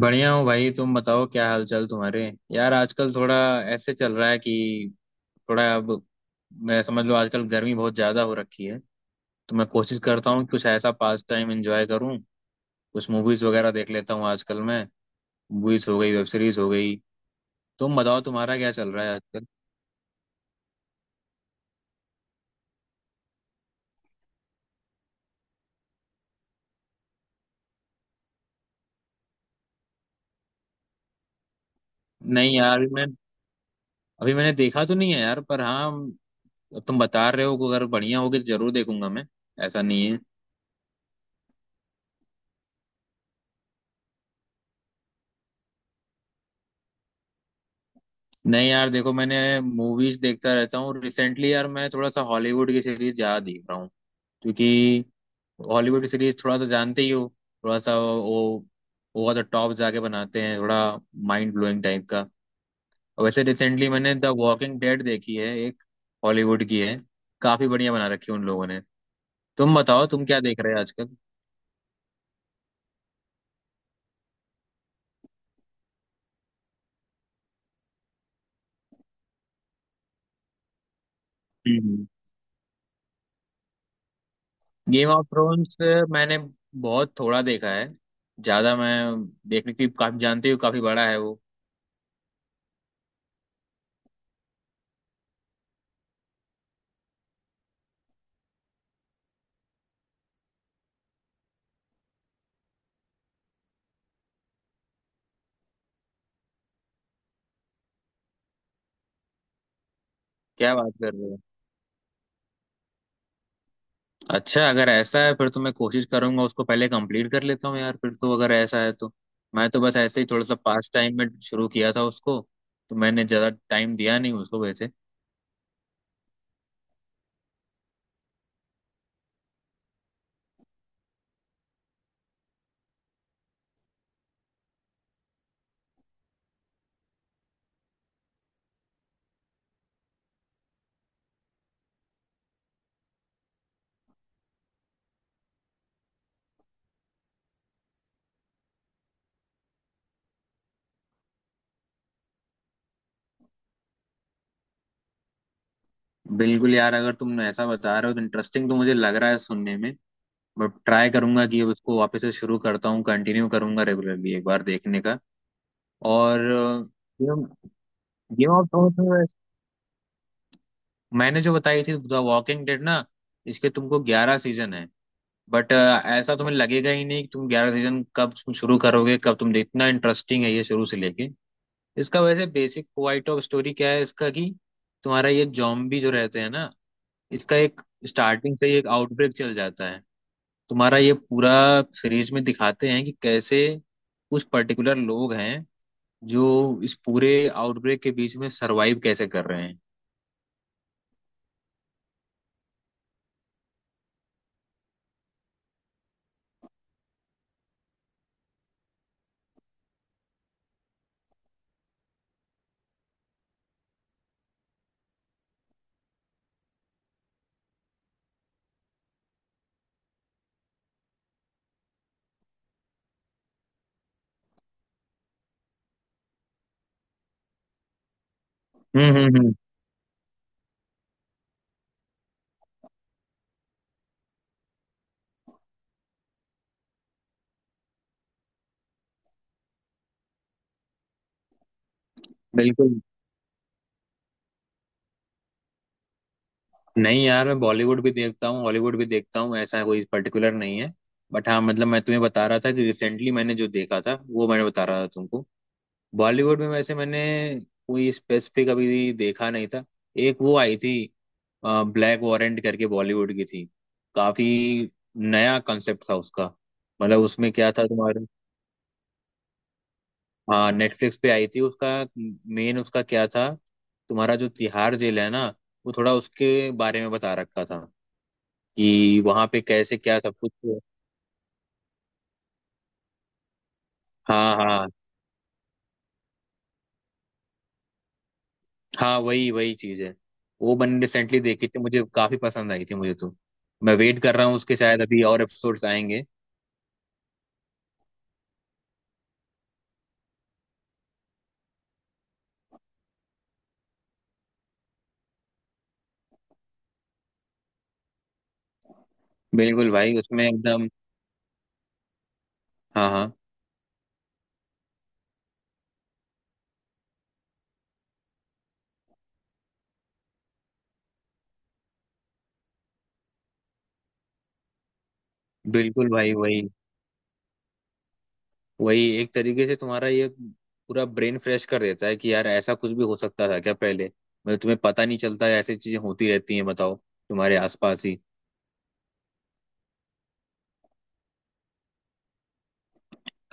बढ़िया हूँ भाई। तुम बताओ क्या हालचाल तुम्हारे। यार आजकल थोड़ा ऐसे चल रहा है कि थोड़ा अब मैं समझ लो आजकल गर्मी बहुत ज़्यादा हो रखी है। तो मैं कोशिश करता हूँ कि कुछ ऐसा पास टाइम एंजॉय करूँ। कुछ मूवीज़ वगैरह देख लेता हूँ आजकल मैं। मूवीज़ हो गई वेब सीरीज़ हो गई। तुम बताओ तुम्हारा क्या चल रहा है आजकल। नहीं यार, अभी मैंने देखा तो नहीं है यार, पर हाँ, तुम बता रहे हो कि अगर बढ़िया होगी तो जरूर देखूंगा मैं। ऐसा नहीं है। नहीं यार देखो, मैंने मूवीज देखता रहता हूँ। रिसेंटली यार मैं थोड़ा सा हॉलीवुड की सीरीज ज्यादा देख रहा हूँ, क्योंकि हॉलीवुड की सीरीज थोड़ा सा जानते ही हो। थोड़ा सा वो ओवर द टॉप जाके बनाते हैं थोड़ा। माइंड ब्लोइंग टाइप का। और वैसे रिसेंटली मैंने द वॉकिंग डेड देखी है, एक हॉलीवुड की है। काफी बढ़िया बना रखी है उन लोगों ने। तुम बताओ तुम क्या देख रहे हो आजकल। हम्म। गेम ऑफ थ्रोन्स मैंने बहुत थोड़ा देखा है। ज्यादा मैं देखने की काफी जानते हो, काफी बड़ा है वो। क्या बात कर रहे हो। अच्छा, अगर ऐसा है फिर तो मैं कोशिश करूंगा, उसको पहले कंप्लीट कर लेता हूँ यार, फिर तो अगर ऐसा है तो मैं तो बस ऐसे ही थोड़ा सा पास टाइम में शुरू किया था उसको। तो मैंने ज़्यादा टाइम दिया नहीं उसको वैसे। बिल्कुल यार, अगर तुम ऐसा बता रहे हो तो इंटरेस्टिंग तो मुझे लग रहा है सुनने में। बट ट्राई करूंगा कि अब उसको वापस से शुरू करता हूँ, कंटिन्यू करूंगा रेगुलरली एक बार देखने का। और गेम गेम ऑफ थ्रोन्स। मैंने जो बताई थी द वॉकिंग डेड ना। इसके तुमको 11 सीजन है। बट ऐसा तुम्हें लगेगा ही नहीं कि तुम 11 सीजन कब तुम शुरू करोगे, कब तुम, इतना इंटरेस्टिंग है ये शुरू से लेके। इसका वैसे बेसिक पॉइंट ऑफ स्टोरी क्या है इसका कि तुम्हारा ये जॉम्बी जो रहते हैं ना। इसका एक स्टार्टिंग से ही एक आउटब्रेक चल जाता है। तुम्हारा ये पूरा सीरीज में दिखाते हैं कि कैसे कुछ पर्टिकुलर लोग हैं जो इस पूरे आउटब्रेक के बीच में सरवाइव कैसे कर रहे हैं। हम्म। बिल्कुल। नहीं यार, मैं बॉलीवुड भी देखता हूँ हॉलीवुड भी देखता हूँ, ऐसा कोई पर्टिकुलर नहीं है। बट हाँ, मतलब मैं तुम्हें बता रहा था कि रिसेंटली मैंने जो देखा था वो मैंने बता रहा था तुमको। बॉलीवुड में वैसे मैंने कोई स्पेसिफिक अभी देखा नहीं था। एक वो आई थी ब्लैक वॉरेंट करके, बॉलीवुड की थी। काफी नया कंसेप्ट था उसका। मतलब उसमें क्या था तुम्हारे। हाँ नेटफ्लिक्स पे आई थी उसका। मेन उसका क्या था। तुम्हारा जो तिहाड़ जेल है ना, वो थोड़ा उसके बारे में बता रखा था कि वहां पे कैसे क्या सब कुछ है। हाँ हाँ हाँ। वही वही चीज है। वो मैंने रिसेंटली देखी थी, मुझे काफी पसंद आई थी मुझे तो। मैं वेट कर रहा हूँ, उसके शायद अभी और एपिसोड्स आएंगे। बिल्कुल भाई, उसमें एकदम। हाँ हाँ। बिल्कुल भाई, वही वही एक तरीके से तुम्हारा ये पूरा ब्रेन फ्रेश कर देता है कि यार ऐसा कुछ भी हो सकता था क्या पहले। मतलब तुम्हें पता नहीं चलता है, ऐसी चीजें होती रहती हैं बताओ तुम्हारे आसपास ही।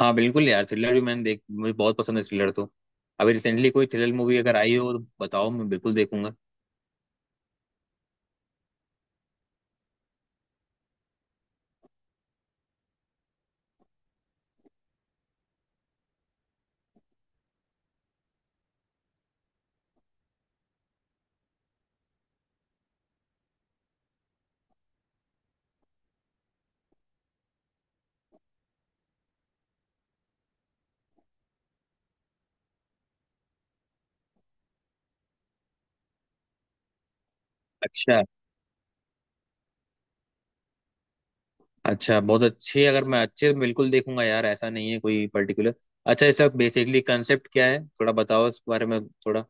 हाँ बिल्कुल यार, थ्रिलर भी मैंने देख मुझे बहुत पसंद है थ्रिलर तो। अभी रिसेंटली कोई थ्रिलर मूवी अगर आई हो तो बताओ, मैं बिल्कुल देखूंगा। अच्छा अच्छा, बहुत अच्छे। अगर मैं अच्छे बिल्कुल देखूंगा यार, ऐसा नहीं है कोई पर्टिकुलर। अच्छा, इसका बेसिकली कंसेप्ट क्या है, थोड़ा बताओ इस बारे में थोड़ा।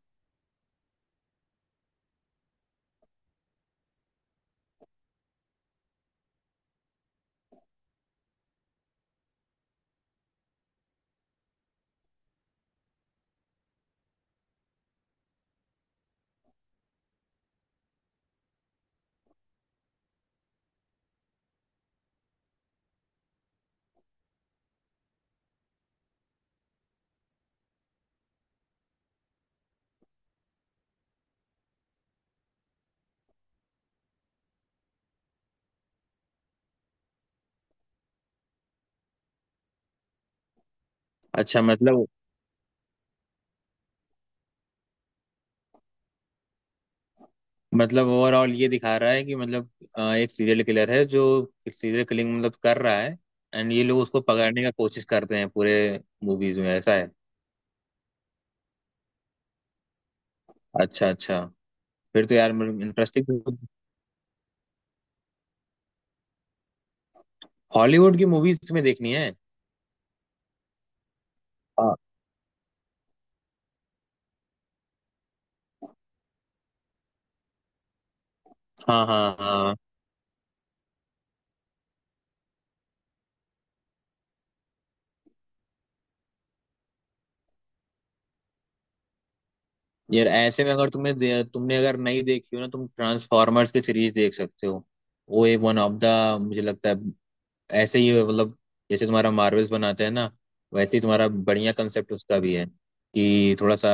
अच्छा। मतलब ओवरऑल ये दिखा रहा है कि मतलब एक सीरियल किलर है जो सीरियल किलिंग मतलब कर रहा है। एंड ये लोग उसको पकड़ने का कोशिश करते हैं पूरे मूवीज में ऐसा है। अच्छा अच्छा, फिर तो यार इंटरेस्टिंग। हॉलीवुड की मूवीज तुम्हें देखनी है। हाँ हाँ हाँ हाँ। यार ऐसे में अगर तुमने अगर नहीं देखी हो ना, तुम ट्रांसफॉर्मर्स की सीरीज देख सकते हो। वो एक वन ऑफ द मुझे लगता है ऐसे ही मतलब, जैसे तुम्हारा मार्वल्स बनाते हैं ना वैसे ही तुम्हारा बढ़िया कंसेप्ट उसका भी है कि थोड़ा सा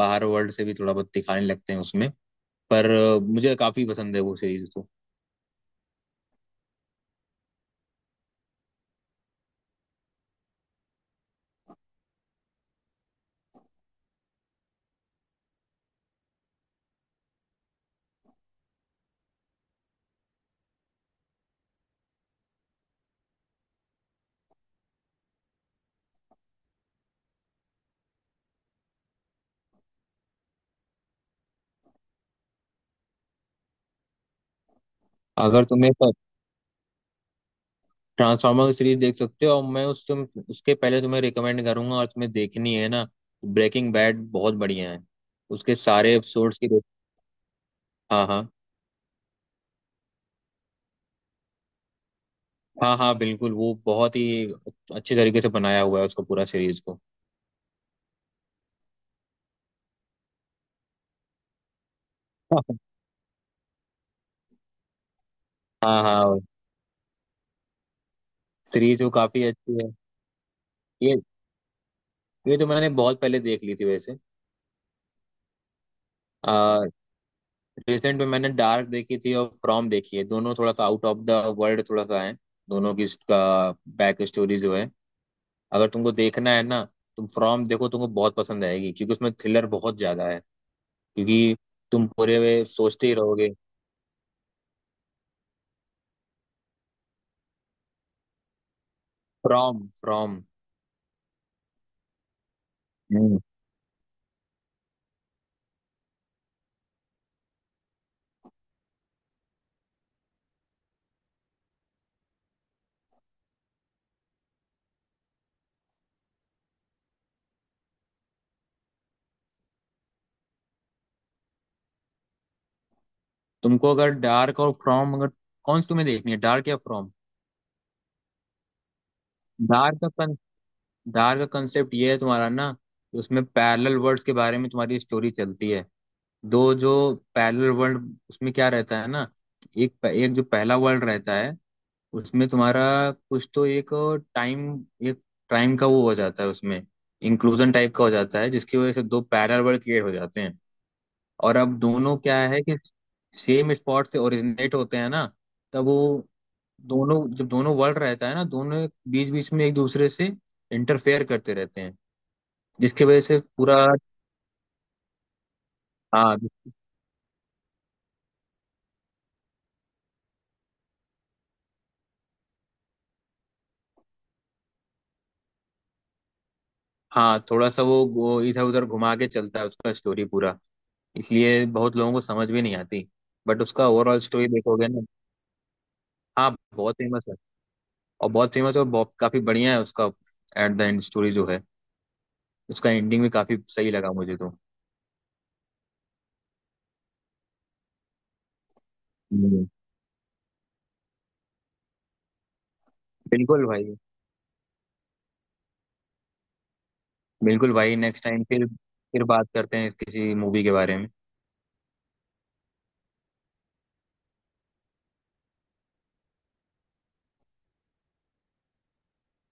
बाहर वर्ल्ड से भी थोड़ा बहुत दिखाने लगते हैं उसमें। पर मुझे काफी पसंद है वो सीरीज तो। अगर तुम्हें ट्रांसफार्मर की सीरीज देख सकते हो, और मैं उस तुम उसके पहले तुम्हें रिकमेंड करूंगा, और तुम्हें देखनी है ना ब्रेकिंग बैड बहुत बढ़िया है। उसके सारे एपिसोड्स की। हाँ हाँ हाँ हाँ। बिल्कुल वो बहुत ही अच्छे तरीके से बनाया हुआ है उसको पूरा सीरीज को। हाँ हाँ। सीरीज वो काफी अच्छी है। ये ये तो मैंने बहुत पहले देख ली थी वैसे। आ, रिसेंट में मैंने डार्क देखी थी और फ्रॉम देखी है। दोनों थोड़ा सा आउट ऑफ द वर्ल्ड थोड़ा सा है। दोनों की इसका बैक स्टोरी जो है, अगर तुमको देखना है ना तुम फ्रॉम देखो, तुमको बहुत पसंद आएगी क्योंकि उसमें थ्रिलर बहुत ज्यादा है। क्योंकि तुम पूरे वे सोचते ही रहोगे। From from. हम्म। तुमको अगर डार्क और फ्रॉम, अगर कौन सी तुम्हें देखनी है डार्क या फ्रॉम। डार्क का कन, डार्क का कंसेप्ट ये है तुम्हारा ना। उसमें पैरेलल वर्ल्ड्स के बारे में तुम्हारी स्टोरी चलती है। दो जो पैरेलल वर्ल्ड उसमें क्या रहता है ना। एक एक जो पहला वर्ल्ड रहता है, उसमें तुम्हारा कुछ तो टाइम एक टाइम का वो हो जाता है उसमें। इंक्लूजन टाइप का हो जाता है जिसकी वजह से दो पैरेलल वर्ल्ड क्रिएट हो जाते हैं। और अब दोनों क्या है कि सेम स्पॉट से ओरिजिनेट होते हैं ना। तब वो दोनों, जब दोनों वर्ल्ड रहता है ना, दोनों बीच बीच में एक दूसरे से इंटरफेयर करते रहते हैं। जिसकी वजह से पूरा। हाँ हाँ, थोड़ा सा वो इधर उधर घुमा के चलता है उसका स्टोरी पूरा। इसलिए बहुत लोगों को समझ भी नहीं आती। बट उसका ओवरऑल स्टोरी देखोगे ना। हाँ बहुत फेमस है। और बहुत फेमस है और बहुत काफी बढ़िया है उसका। एट द एंड स्टोरी जो है, उसका एंडिंग भी काफी सही लगा मुझे तो। हम्म। बिल्कुल भाई। बिल्कुल भाई, नेक्स्ट टाइम फिर बात करते हैं इस किसी मूवी के बारे में।